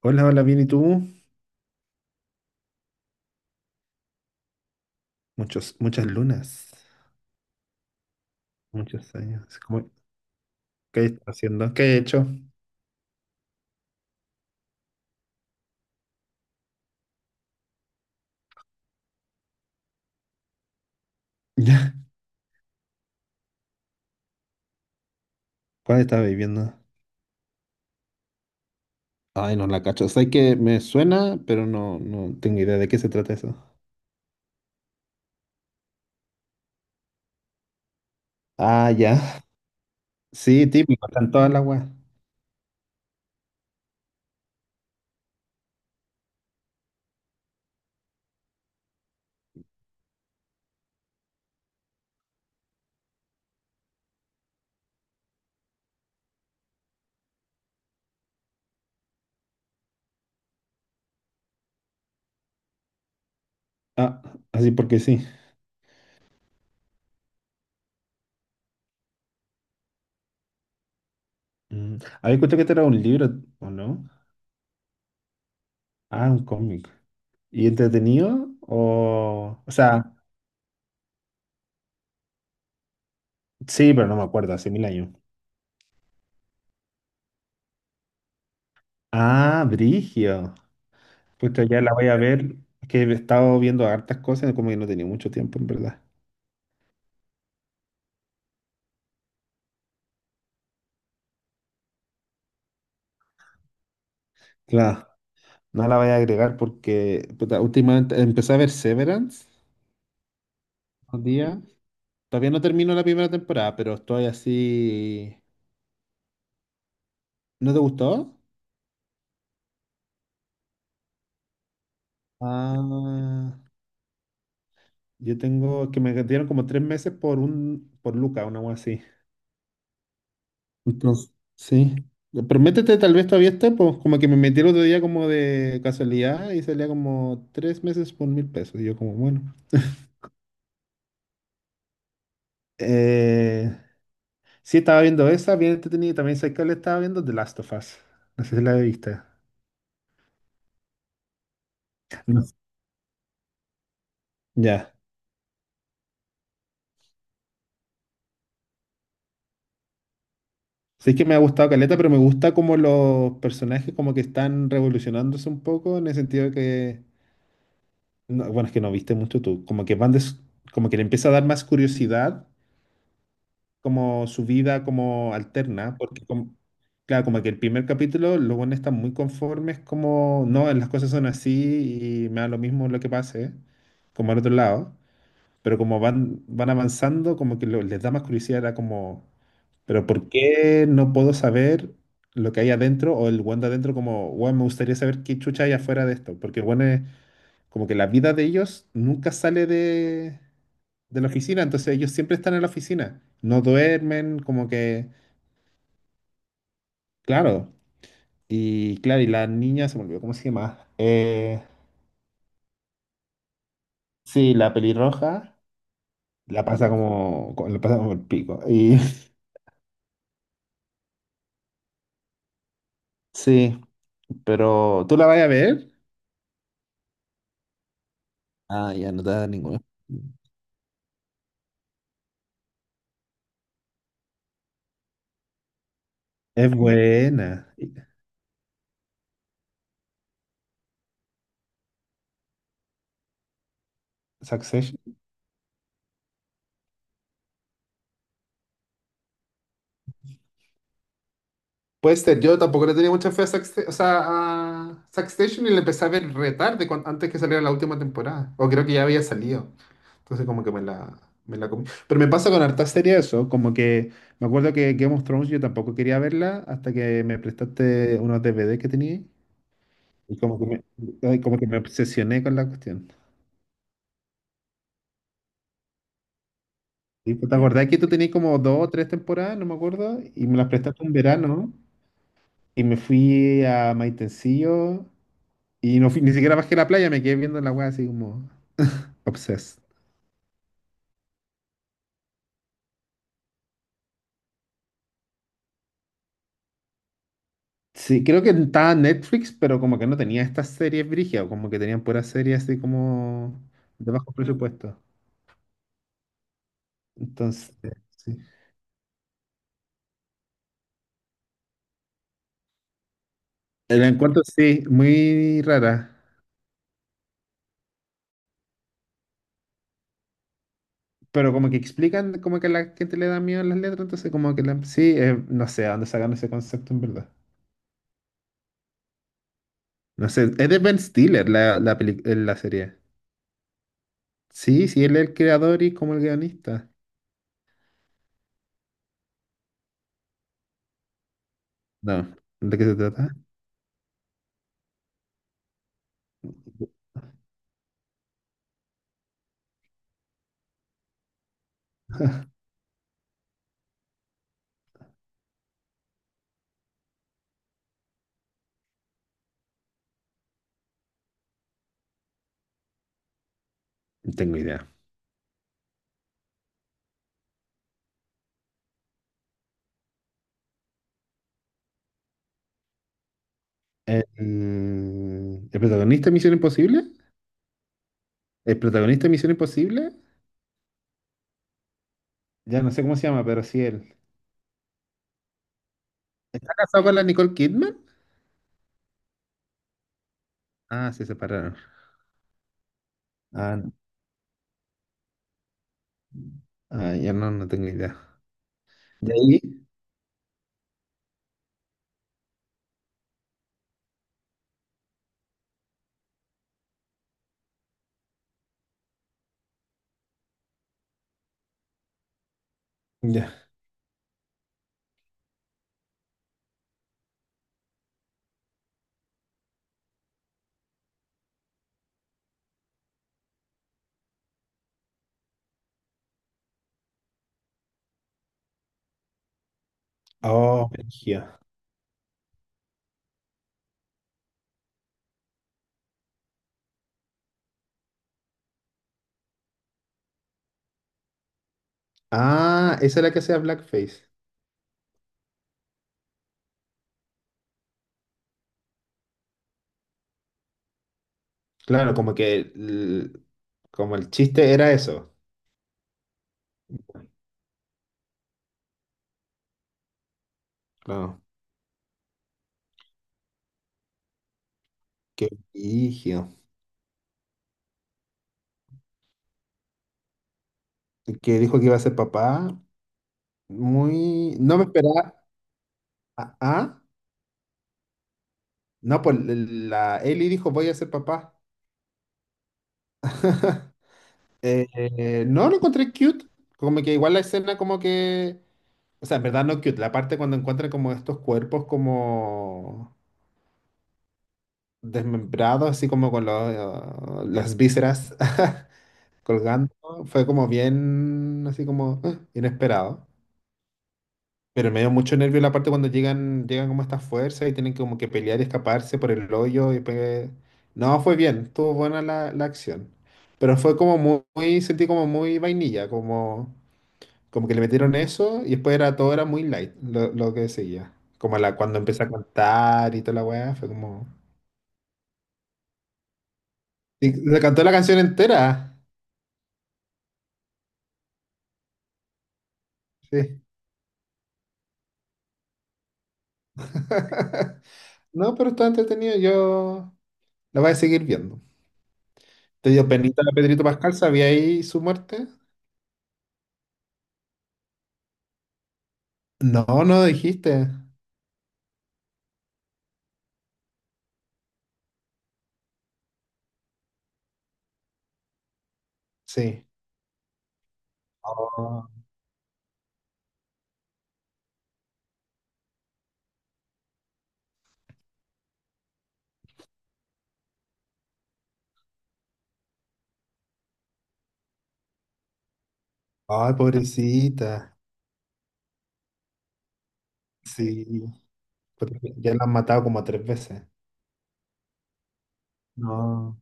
Hola, hola, bien, ¿y tú? Muchos, muchas lunas, muchos años. ¿Cómo- qué estás haciendo? ¿Qué he hecho? Ya. ¿Cuál estás viviendo? Ay, no la cacho. Sé que me suena, pero no, no tengo idea de qué se trata eso. Ah, ya. Sí, típico, están todas las weas. Ah, así porque sí. Mm. Había escuchado que este era un libro, ¿o no? Ah, un cómic. ¿Y entretenido? O o sea, sí, pero no me acuerdo, hace mil años. Ah, Brigio. Pucha, ya la voy a ver. Es que he estado viendo hartas cosas, como que no tenía mucho tiempo, en verdad. Claro, no la voy a agregar porque puta, últimamente empecé a ver Severance un día. Todavía no termino la primera temporada, pero estoy así. ¿No te gustó? Ah, yo tengo que me dieron como tres meses por un por Luca, una cosa así. Entonces, sí. Pero métete, tal vez todavía esté, pues como que me metí el otro día como de casualidad y salía como tres meses por mil pesos. Y yo como, bueno. Eh, sí, estaba viendo esa, bien entretenida. Y también sé que le estaba viendo The Last of Us. No sé si la viste. No. Ya. Sí que me ha gustado Caleta, pero me gusta como los personajes como que están revolucionándose un poco en el sentido de que, no, bueno, es que no viste mucho tú, como que van des- como que le empieza a dar más curiosidad como su vida como alterna, porque como- claro, como que el primer capítulo los buenos están muy conformes como, no, las cosas son así y me da lo mismo lo que pase, como al otro lado. Pero como van, van avanzando, como que lo- les da más curiosidad, era como, pero ¿por qué no puedo saber lo que hay adentro o el weón de adentro como, weón, me gustaría saber qué chucha hay afuera de esto? Porque el es como que la vida de ellos nunca sale de la oficina, entonces ellos siempre están en la oficina, no duermen, como que, claro, y claro, y la niña se me olvidó, ¿cómo se llama? Sí, la pelirroja. La pasa como, como- la pasa como el pico. Y sí, pero ¿tú la vas a ver? Ah, ya no te da ninguna. Es buena. Y- Succession. Puede ser, yo tampoco le tenía mucha fe a, Succe- o sea, a Succession y la empecé a ver re tarde, cuan- antes que saliera la última temporada. O creo que ya había salido. Entonces como que me la comí. Pero me pasa con harta serie eso, como que me acuerdo que Game of Thrones yo tampoco quería verla hasta que me prestaste unos DVD que tenía y como que me, ay, como que me obsesioné con la cuestión. Sí, pues, ¿te acordás que tú tenías como dos o tres temporadas, no me acuerdo, y me las prestaste un verano y me fui a Maitencillo y no fui, ni siquiera bajé a la playa, me quedé viendo la weá así como obsessed. Sí, creo que estaba en Netflix, pero como que no tenía estas series brígidas, como que tenían puras series así como de bajo presupuesto. Entonces, sí. El encuentro sí, muy rara. Pero como que explican como que a la gente le da miedo las letras, entonces como que la- sí, no sé a dónde sacan ese concepto en verdad. No sé, es de Ben Stiller la, la, peli- la serie. Sí, sí, él es el creador y como el guionista. No, ¿de qué se trata? No tengo idea. El protagonista de Misión Imposible? ¿El protagonista de Misión Imposible? Ya no sé cómo se llama, pero sí él. ¿Está casado con la Nicole Kidman? Ah, se separaron. Ah, no. Ah, ya no, no tengo idea. ¿De ahí? Ya. Oh, brígido. Ah, esa es la que hacía Blackface. Claro, como que el, como el chiste era eso. Claro. Qué brígido. Que dijo que iba a ser papá. Muy. No me esperaba. Ah, ah. No, pues la Eli dijo, voy a ser papá. No, lo encontré cute. Como que igual la escena como que O sea, en verdad no cute. La parte cuando encuentran como estos cuerpos como desmembrados, así como con los, las vísceras colgando, fue como bien, así como ah, inesperado. Pero me dio mucho nervio la parte cuando llegan, llegan como estas fuerzas y tienen como que pelear y escaparse por el hoyo y pe- no, fue bien, estuvo buena la, la acción. Pero fue como muy, muy- sentí como muy vainilla, como, como que le metieron eso y después era todo era muy light lo que seguía. Como la, cuando empecé a cantar y toda la weá, fue como Y se cantó la canción entera. Sí. No, pero está entretenido, yo la voy a seguir viendo. ¿Te dio penita a Pedrito Pascal? ¿Sabía ahí su muerte? No, no dijiste. Sí. Oh, ay, pobrecita. Sí. Porque ya la han matado como tres veces. No.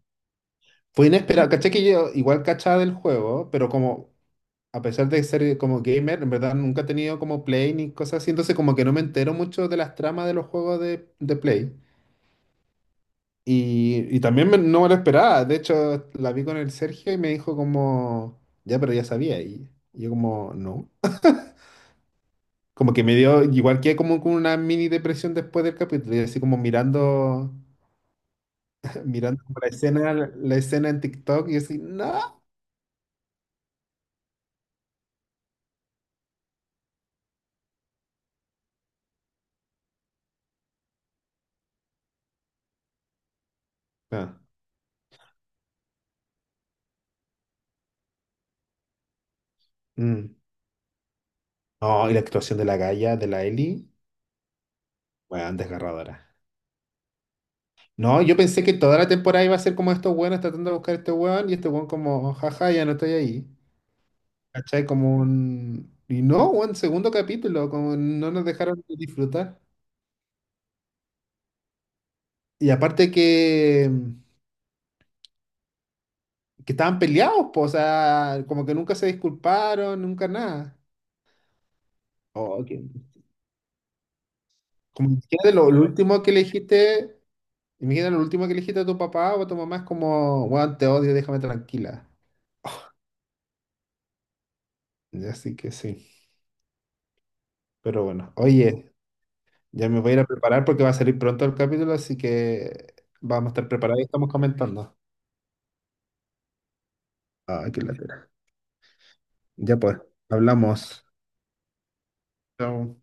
Fue inesperado. Caché que yo igual cachaba del juego, pero como, a pesar de ser como gamer, en verdad nunca he tenido como Play ni cosas así, entonces como que no me entero mucho de las tramas de los juegos de Play. Y también me- no me lo esperaba. De hecho, la vi con el Sergio y me dijo como, ya, pero ya sabía. Y yo como, no. Como que me dio, igual que como con una mini depresión después del capítulo, y así como mirando, mirando como la escena en TikTok, y así, no. Ah, mm. No, y la actuación de la Gaia, de la Ellie, weón, desgarradora. No, yo pensé que toda la temporada iba a ser como estos weones tratando de buscar a este weón, y este weón como, jaja, ya no estoy ahí. ¿Cachai? Como un Y no, weón, segundo capítulo, como no nos dejaron disfrutar. Y aparte que estaban peleados, po, o sea, como que nunca se disculparon, nunca nada. Oh, qué- como imagínate lo último que le dijiste, imagínate lo último que le dijiste a tu papá o a tu mamá es como, bueno, te odio, déjame tranquila. Así que sí, pero bueno, oye, ya me voy a ir a preparar porque va a salir pronto el capítulo, así que vamos a estar preparados y estamos comentando. Ah, qué latera. Ya pues, hablamos. Chao.